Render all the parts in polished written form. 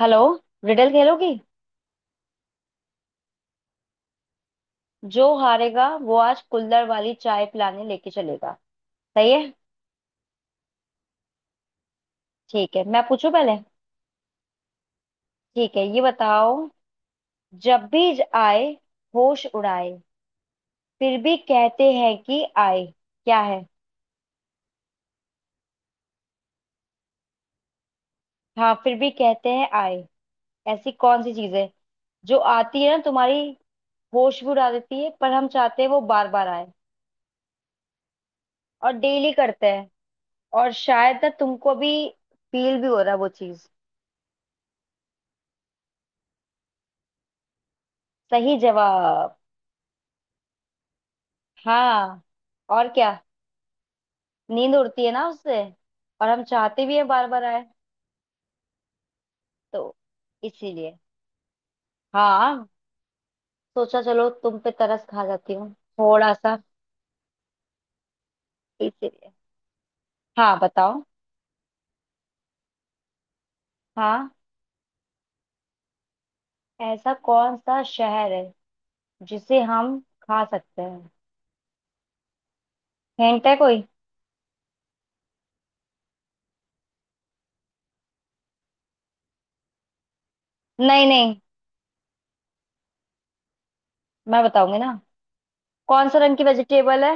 Hello. Riddle खेलोगी? जो हारेगा वो आज कुल्हड़ वाली चाय पिलाने लेके चलेगा। सही है। ठीक है, मैं पूछू पहले। ठीक है, ये बताओ। जब भी आए होश उड़ाए, फिर भी कहते हैं कि आए, क्या है? हाँ, फिर भी कहते हैं आए। ऐसी कौन सी चीज है जो आती है ना तुम्हारी, होश भी उड़ा देती है, पर हम चाहते हैं वो बार बार आए और डेली करते हैं। और शायद ना तुमको भी फील भी हो रहा है वो चीज। सही जवाब। हाँ। और क्या, नींद उड़ती है ना उससे। और हम चाहते भी हैं बार बार आए। तो इसीलिए। हाँ। सोचा चलो तुम पे तरस खा जाती हूँ थोड़ा सा। इसीलिए। हाँ, बताओ। हाँ। ऐसा कौन सा शहर है जिसे हम खा सकते हैं? हिंट है कोई? नहीं नहीं, मैं बताऊंगी ना। कौन सा रंग की वेजिटेबल है?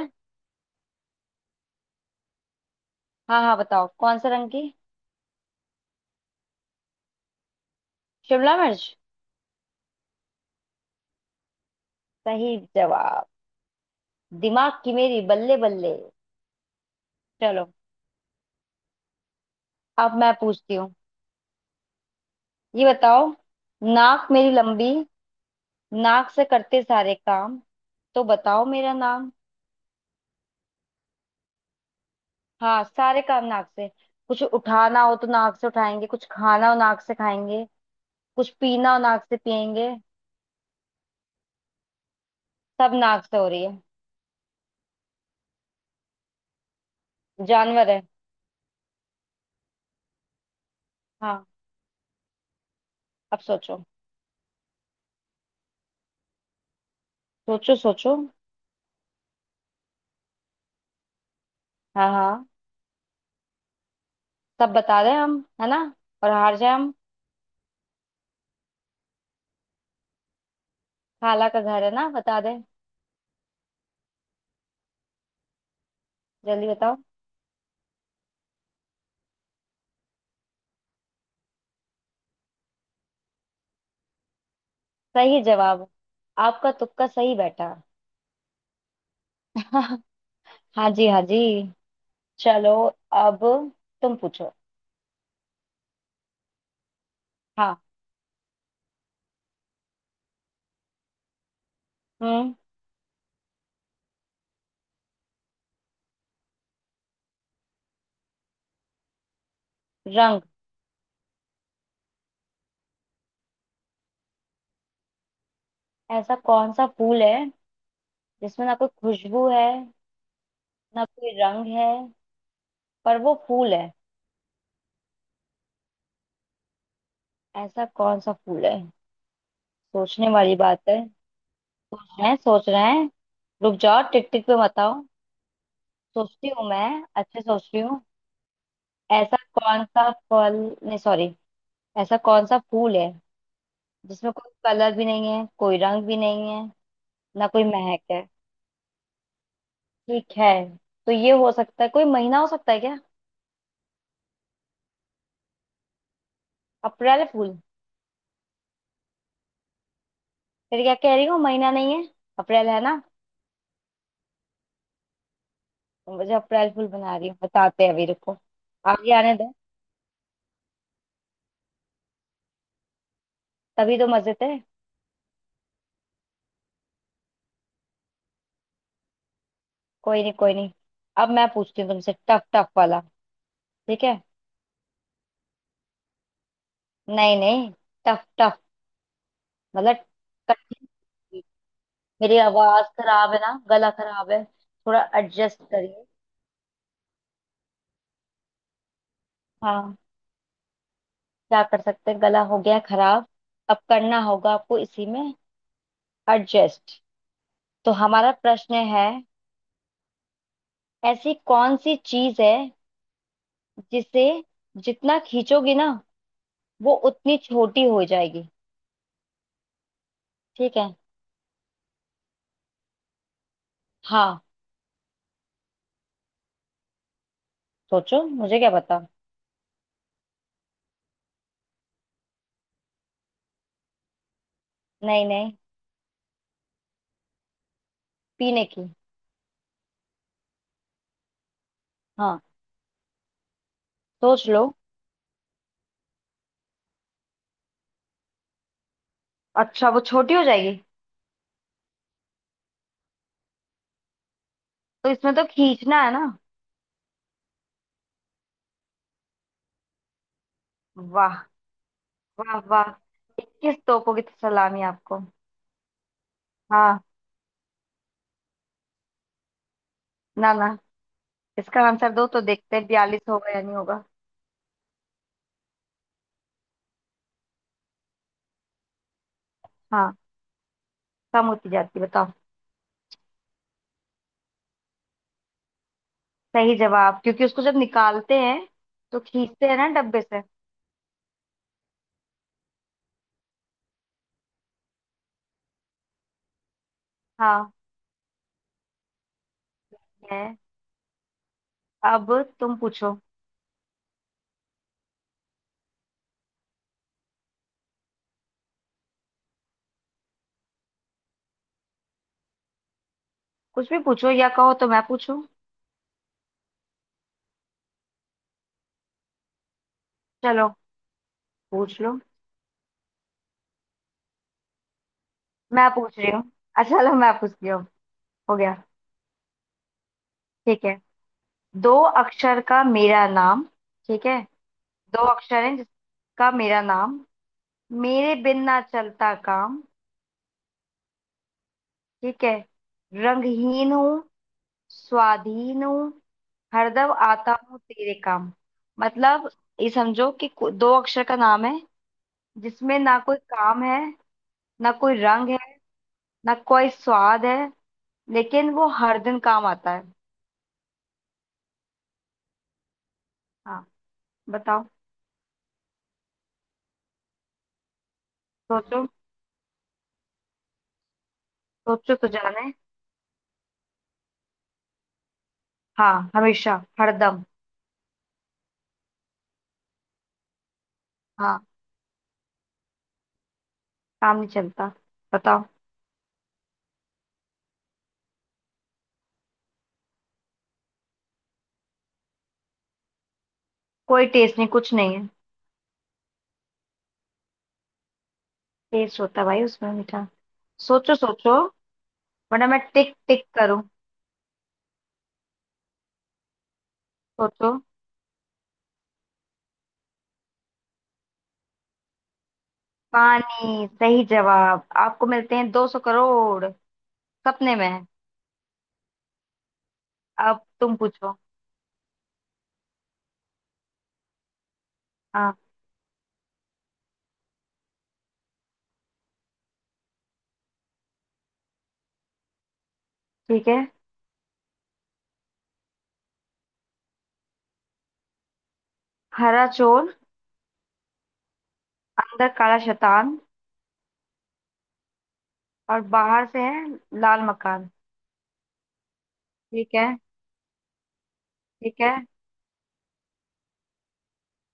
हाँ हाँ, बताओ कौन सा रंग की। शिमला मिर्च। सही जवाब। दिमाग की मेरी बल्ले बल्ले। चलो। अब मैं पूछती हूँ। ये बताओ। नाक मेरी लंबी, नाक से करते सारे काम, तो बताओ मेरा नाम। हाँ, सारे काम नाक से। कुछ उठाना हो तो नाक से उठाएंगे, कुछ खाना हो नाक से खाएंगे। कुछ पीना हो नाक से पिएंगे। सब नाक से हो रही है। जानवर है। हाँ। अब सोचो। सोचो सोचो। हाँ हाँ, सब बता दें हम, है ना? और हार जाए हम। खाला का घर है ना, बता दें? जल्दी बताओ। सही जवाब। आपका तुक्का सही बैठा। हाँ जी, हाँ जी। चलो। अब तुम पूछो। हाँ। हम्म। रंग। ऐसा कौन सा फूल है जिसमें ना कोई खुशबू है, ना कोई रंग है, पर वो फूल है? ऐसा कौन सा फूल है? सोचने वाली बात है। सोच रहे हैं सोच रहे हैं। रुक जाओ, टिक टिक पे मत आओ। सोचती हूँ मैं, अच्छे सोच रही हूँ। ऐसा कौन सा फल, नहीं सॉरी, ऐसा कौन सा फूल है जिसमें कोई कलर भी नहीं है, कोई रंग भी नहीं है, ना कोई महक है। ठीक है। तो ये हो सकता है कोई महीना हो सकता है क्या? अप्रैल फूल। फिर क्या, कह रही हूँ महीना नहीं है, अप्रैल है ना। तो मुझे अप्रैल फूल बना रही हूँ, बताते हैं अभी, रुको। आगे आने दे। तभी तो मजे थे। कोई नहीं कोई नहीं। अब मैं पूछती हूँ तुमसे, टफ टफ वाला। ठीक है। नहीं नहीं, टफ टफ मतलब कठिन। मेरी आवाज खराब है ना, गला खराब है, थोड़ा एडजस्ट करिए। हाँ, क्या कर सकते हैं, गला हो गया खराब। अब करना होगा आपको इसी में एडजस्ट। तो हमारा प्रश्न है। ऐसी कौन सी चीज है जिसे जितना खींचोगे ना वो उतनी छोटी हो जाएगी? ठीक है। हाँ। सोचो, मुझे क्या पता। नहीं नहीं, पीने की। हाँ, सोच लो। अच्छा, वो छोटी हो जाएगी। तो इसमें तो खींचना है ना? वाह। वाह वाह। 21 तोपों की तो सलामी आपको। हाँ। ना ना। इसका आंसर दो तो देखते हैं 42 होगा या नहीं होगा। हाँ, कम होती जाती है, बताओ। सही जवाब, क्योंकि उसको जब निकालते हैं तो खींचते हैं ना डब्बे से। हाँ। है। अब तुम पूछो। कुछ भी पूछो, या कहो तो मैं पूछूं। चलो पूछ लो। मैं पूछ रही हूँ। अच्छा, चलो मैं पूछती हूँ। हो गया। ठीक है। दो अक्षर का मेरा नाम। ठीक है। दो अक्षर है जिसका मेरा नाम, मेरे बिन ना चलता काम। ठीक है। रंगहीन हूँ, स्वाधीन हूँ, हरदम आता हूँ तेरे काम। मतलब, ये समझो कि दो अक्षर का नाम है जिसमें ना कोई काम है, ना कोई रंग है, ना कोई स्वाद है, लेकिन वो हर दिन काम आता है। हाँ, बताओ। सोचो। सोचो तो जाने। हाँ, हमेशा, हरदम। हाँ, काम नहीं चलता। बताओ। कोई टेस्ट नहीं, कुछ नहीं है। टेस्ट होता है भाई उसमें, मीठा। सोचो सोचो, वरना मैं टिक टिक करूं। सोचो। पानी। सही जवाब। आपको मिलते हैं 200 करोड़ सपने में। अब तुम पूछो। हाँ। ठीक है। हरा चोर, अंदर काला शैतान, और बाहर से है लाल मकान। ठीक है। ठीक है।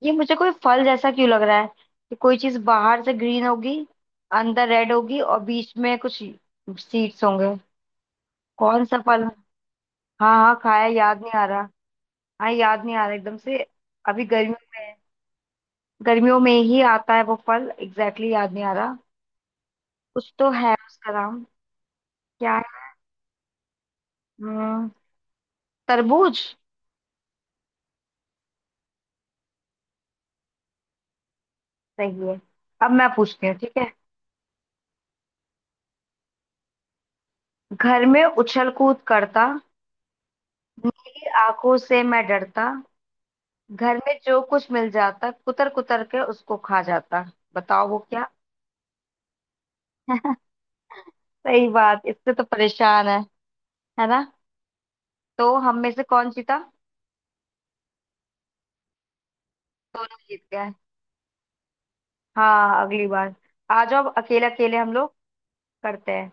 ये मुझे कोई फल जैसा क्यों लग रहा है, कि कोई चीज बाहर से ग्रीन होगी, अंदर रेड होगी, और बीच में कुछ सीड्स होंगे। कौन सा फल? हाँ हाँ खाया, याद नहीं आ रहा। हाँ, याद नहीं आ रहा एकदम से। अभी गर्मियों में, गर्मियों में ही आता है वो फल। एग्जैक्टली exactly याद नहीं आ रहा। कुछ तो है उसका नाम। क्या है? हम्म, तरबूज। सही है। अब मैं पूछती हूँ, ठीक है। घर में उछल कूद करता, नीली आंखों से मैं डरता, घर में जो कुछ मिल जाता कुतर कुतर के उसको खा जाता। बताओ वो क्या। सही बात, इससे तो परेशान है ना? तो हम में से कौन जीता? दोनों जीत गए। हाँ, अगली बार आ जाओ अकेले अकेले, हम लोग करते हैं।